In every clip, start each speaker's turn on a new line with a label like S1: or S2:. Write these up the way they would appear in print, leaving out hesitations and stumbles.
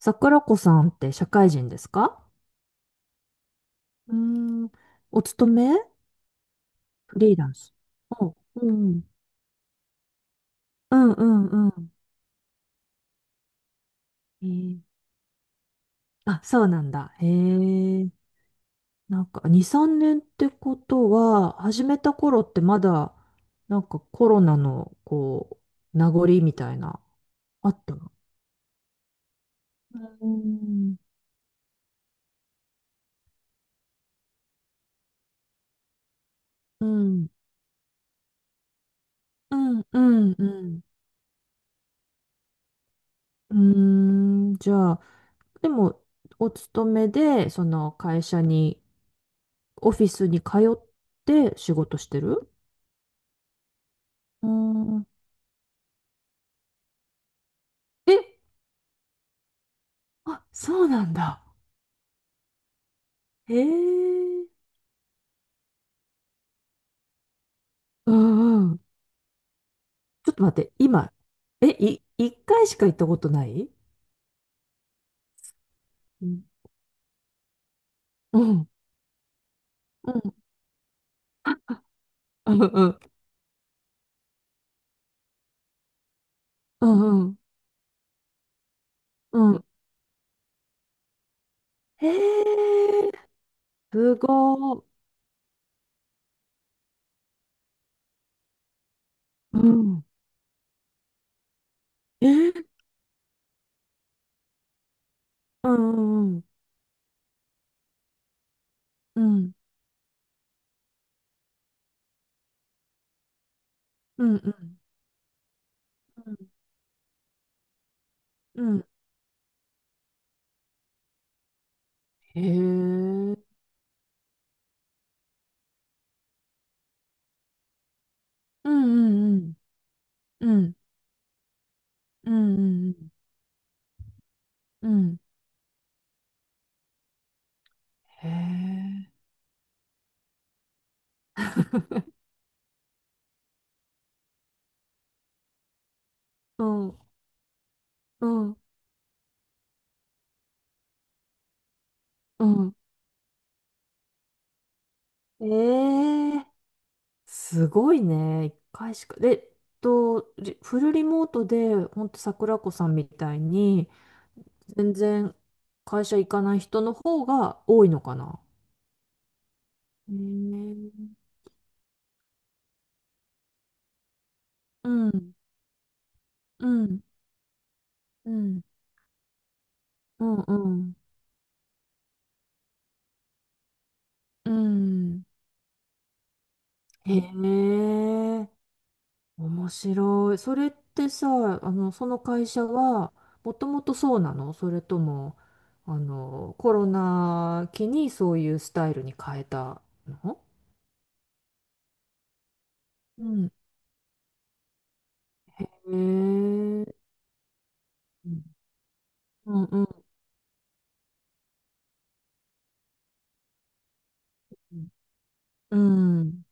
S1: 桜子さんって社会人ですか？うーん、お勤め？フリーランス？お、うん。うんうんうん。えーあ、そうなんだ。へえ。なんか、2、3年ってことは、始めた頃ってまだ、なんかコロナの、こう、名残みたいな、あったの？うーん、うん、うん、うん、うん。じゃあ、でも、お勤めで、その会社にオフィスに通って仕事してる？うーん。え、あ、そうなんだ。へえ。うんうん。ちょっと待って、今、え、一回しか行ったことない？うん。うん。うん。うんうん。うんうん。へえ。すごー。うん。えー、うんうんうん。うんうんうん。うん。へえ。うんうんうん。うんうんうんうん。うん。へえ。うん。うん、うん。ええ、すごいね。一回しか。で、フルリモートで、ほんと桜子さんみたいに、全然会社行かない人の方が多いのかな？ええ、うん、うん、うん、うん、うん。うん。へえ。面白い。それってさ、あの、その会社は、もともとそうなの、それとも、あの、コロナ期にそういうスタイルに変えたの？うん。へえー、うんうんうん、うん、うん、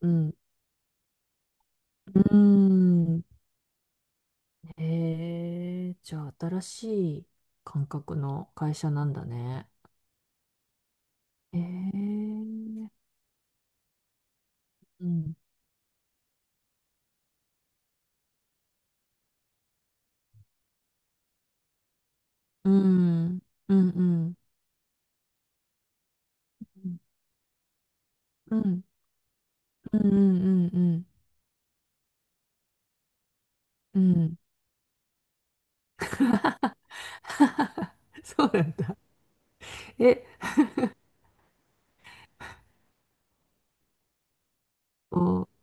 S1: うん。へえ、じゃあ、新しい感覚の会社なんだね。へえ、うん。うん、うん、うん、うん、うん、うん、うん、うん。うんうんうん そうなんだ。え、お、あ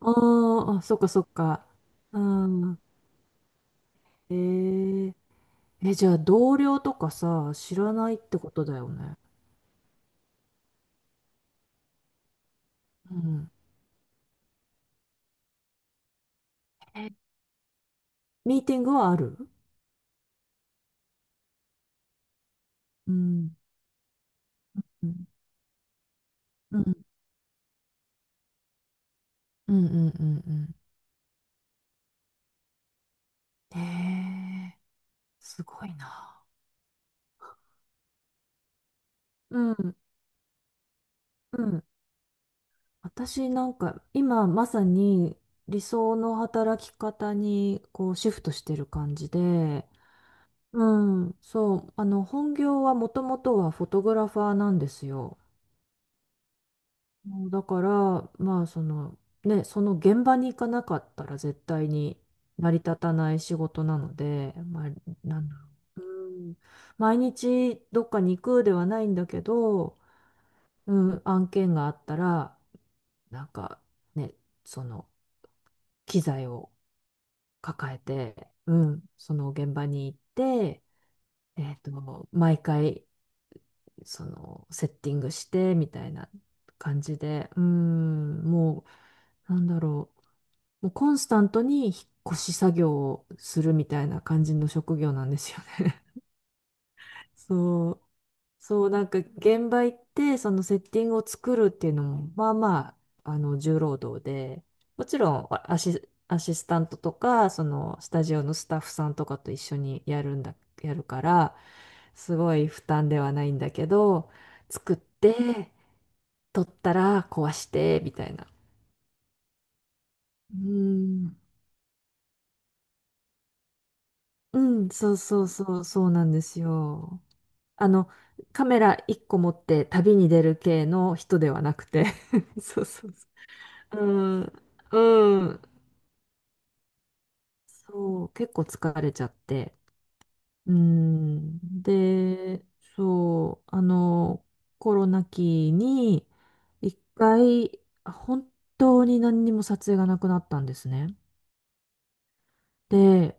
S1: ーあ、そっかそっか。うん。えー、え、じゃあ同僚とかさ、知らないってことだよね？うん。ミーティングはある？うん。うん。うん。うん。うん。うんうん。へえー、すごいな。うん。うん。私なんか、今まさに理想の働き方にこうシフトしてる感じで、うん、そう、あの、本業はもともとはフォトグラファーなんですよ。もうだから、まあそのね、その現場に行かなかったら絶対に成り立たない仕事なので、まあ、なんだろう、うん、毎日どっかに行くではないんだけど、うん、案件があったら、なんかね、その機材を抱えて、うん、その現場に行って、毎回そのセッティングしてみたいな感じで、もう、なんだろう、もうコンスタントに引っ越し作業をするみたいな感じの職業なんですよね。そう、そう、なんか現場行って、そのセッティングを作るっていうのも、まあまあ、あの、重労働で、もちろんアシスタントとか、その、スタジオのスタッフさんとかと一緒にやるから、すごい負担ではないんだけど、作って、取ったら壊して、みたいな。うん、うん、そうそうそう、そうなんですよ。あの、カメラ1個持って旅に出る系の人ではなくて そうそうそう。うん、うん。そう、結構疲れちゃって。うん。で、そう、あの、コロナ期に、一回、本当に何にも撮影がなくなったんですね。で、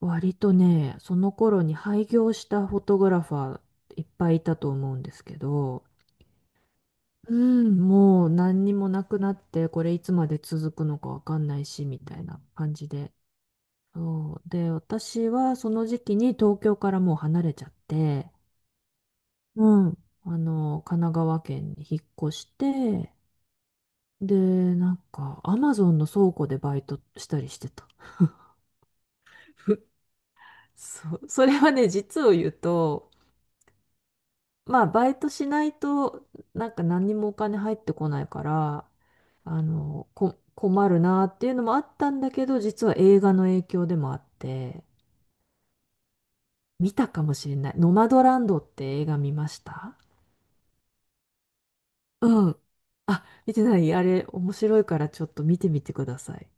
S1: 割とね、その頃に廃業したフォトグラファーいっぱいいたと思うんですけど、うん、もう何にもなくなって、これいつまで続くのかわかんないし、みたいな感じで。そう。で、私はその時期に東京からもう離れちゃって、うん、あの、神奈川県に引っ越して、で、なんか、アマゾンの倉庫でバイトしたりしてた。そう。それはね、実を言うと、まあ、バイトしないと、なんか何にもお金入ってこないから、あの、困るなっていうのもあったんだけど、実は映画の影響でもあって、見たかもしれない。ノマドランドって映画見ました？うん。あ、見てない？あれ、面白いからちょっと見てみてください。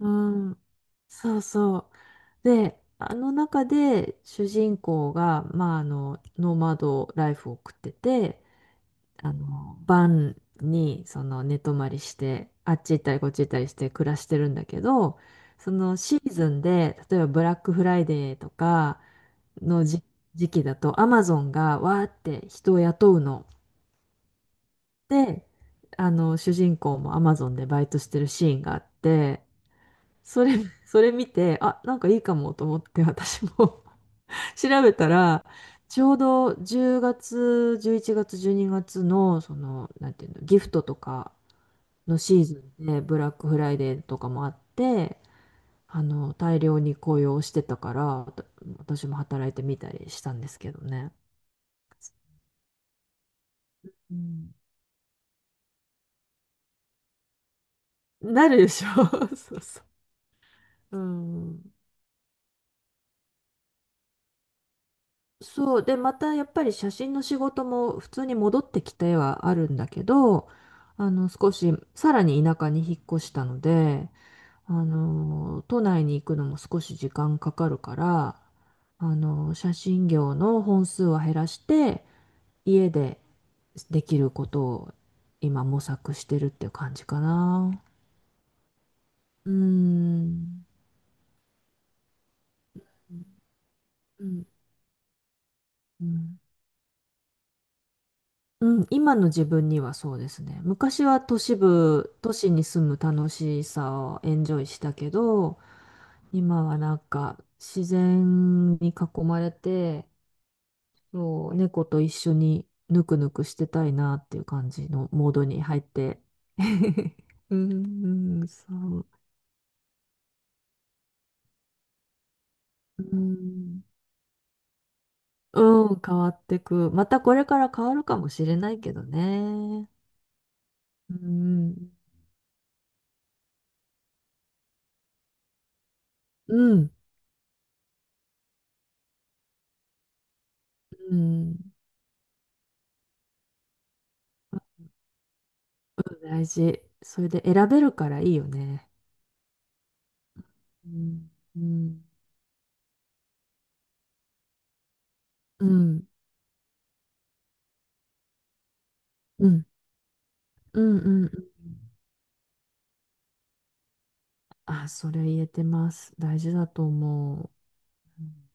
S1: うん。そうそう。で、あの中で主人公が、まあ、あの、ノマドライフを送ってて、あの、晩にその寝泊まりして、あっち行ったりこっち行ったりして暮らしてるんだけど、そのシーズンで、例えばブラックフライデーとかの時期だと、アマゾンがわーって人を雇うの。で、あの、主人公もアマゾンでバイトしてるシーンがあって、それ、それ見て、あ、なんかいいかもと思って私も 調べたら、ちょうど10月、11月、12月の、その、なんていうの、ギフトとか、のシーズンでブラックフライデーとかもあって、あの、大量に雇用してたから、私も働いてみたりしたんですけどね。うん、なるでしょ そうそう。うん。そう。で、またやっぱり写真の仕事も普通に戻ってきてはあるんだけど、あの、少し、さらに田舎に引っ越したので、あの、都内に行くのも少し時間かかるから、あの、写真業の本数は減らして、家でできることを今模索してるっていう感じかな。うーん。うん。うんうん。今の自分にはそうですね。昔は都市部、都市に住む楽しさをエンジョイしたけど、今はなんか自然に囲まれて、そう、猫と一緒にぬくぬくしてたいなっていう感じのモードに入って。うん、うん、そう。うんうん、変わってく。またこれから変わるかもしれないけどね。うん、うん、うん、大事。それで選べるからいいよね。うん、うん、うん、うん、うん、うん。うん。あ、それ言えてます。大事だと思う。うん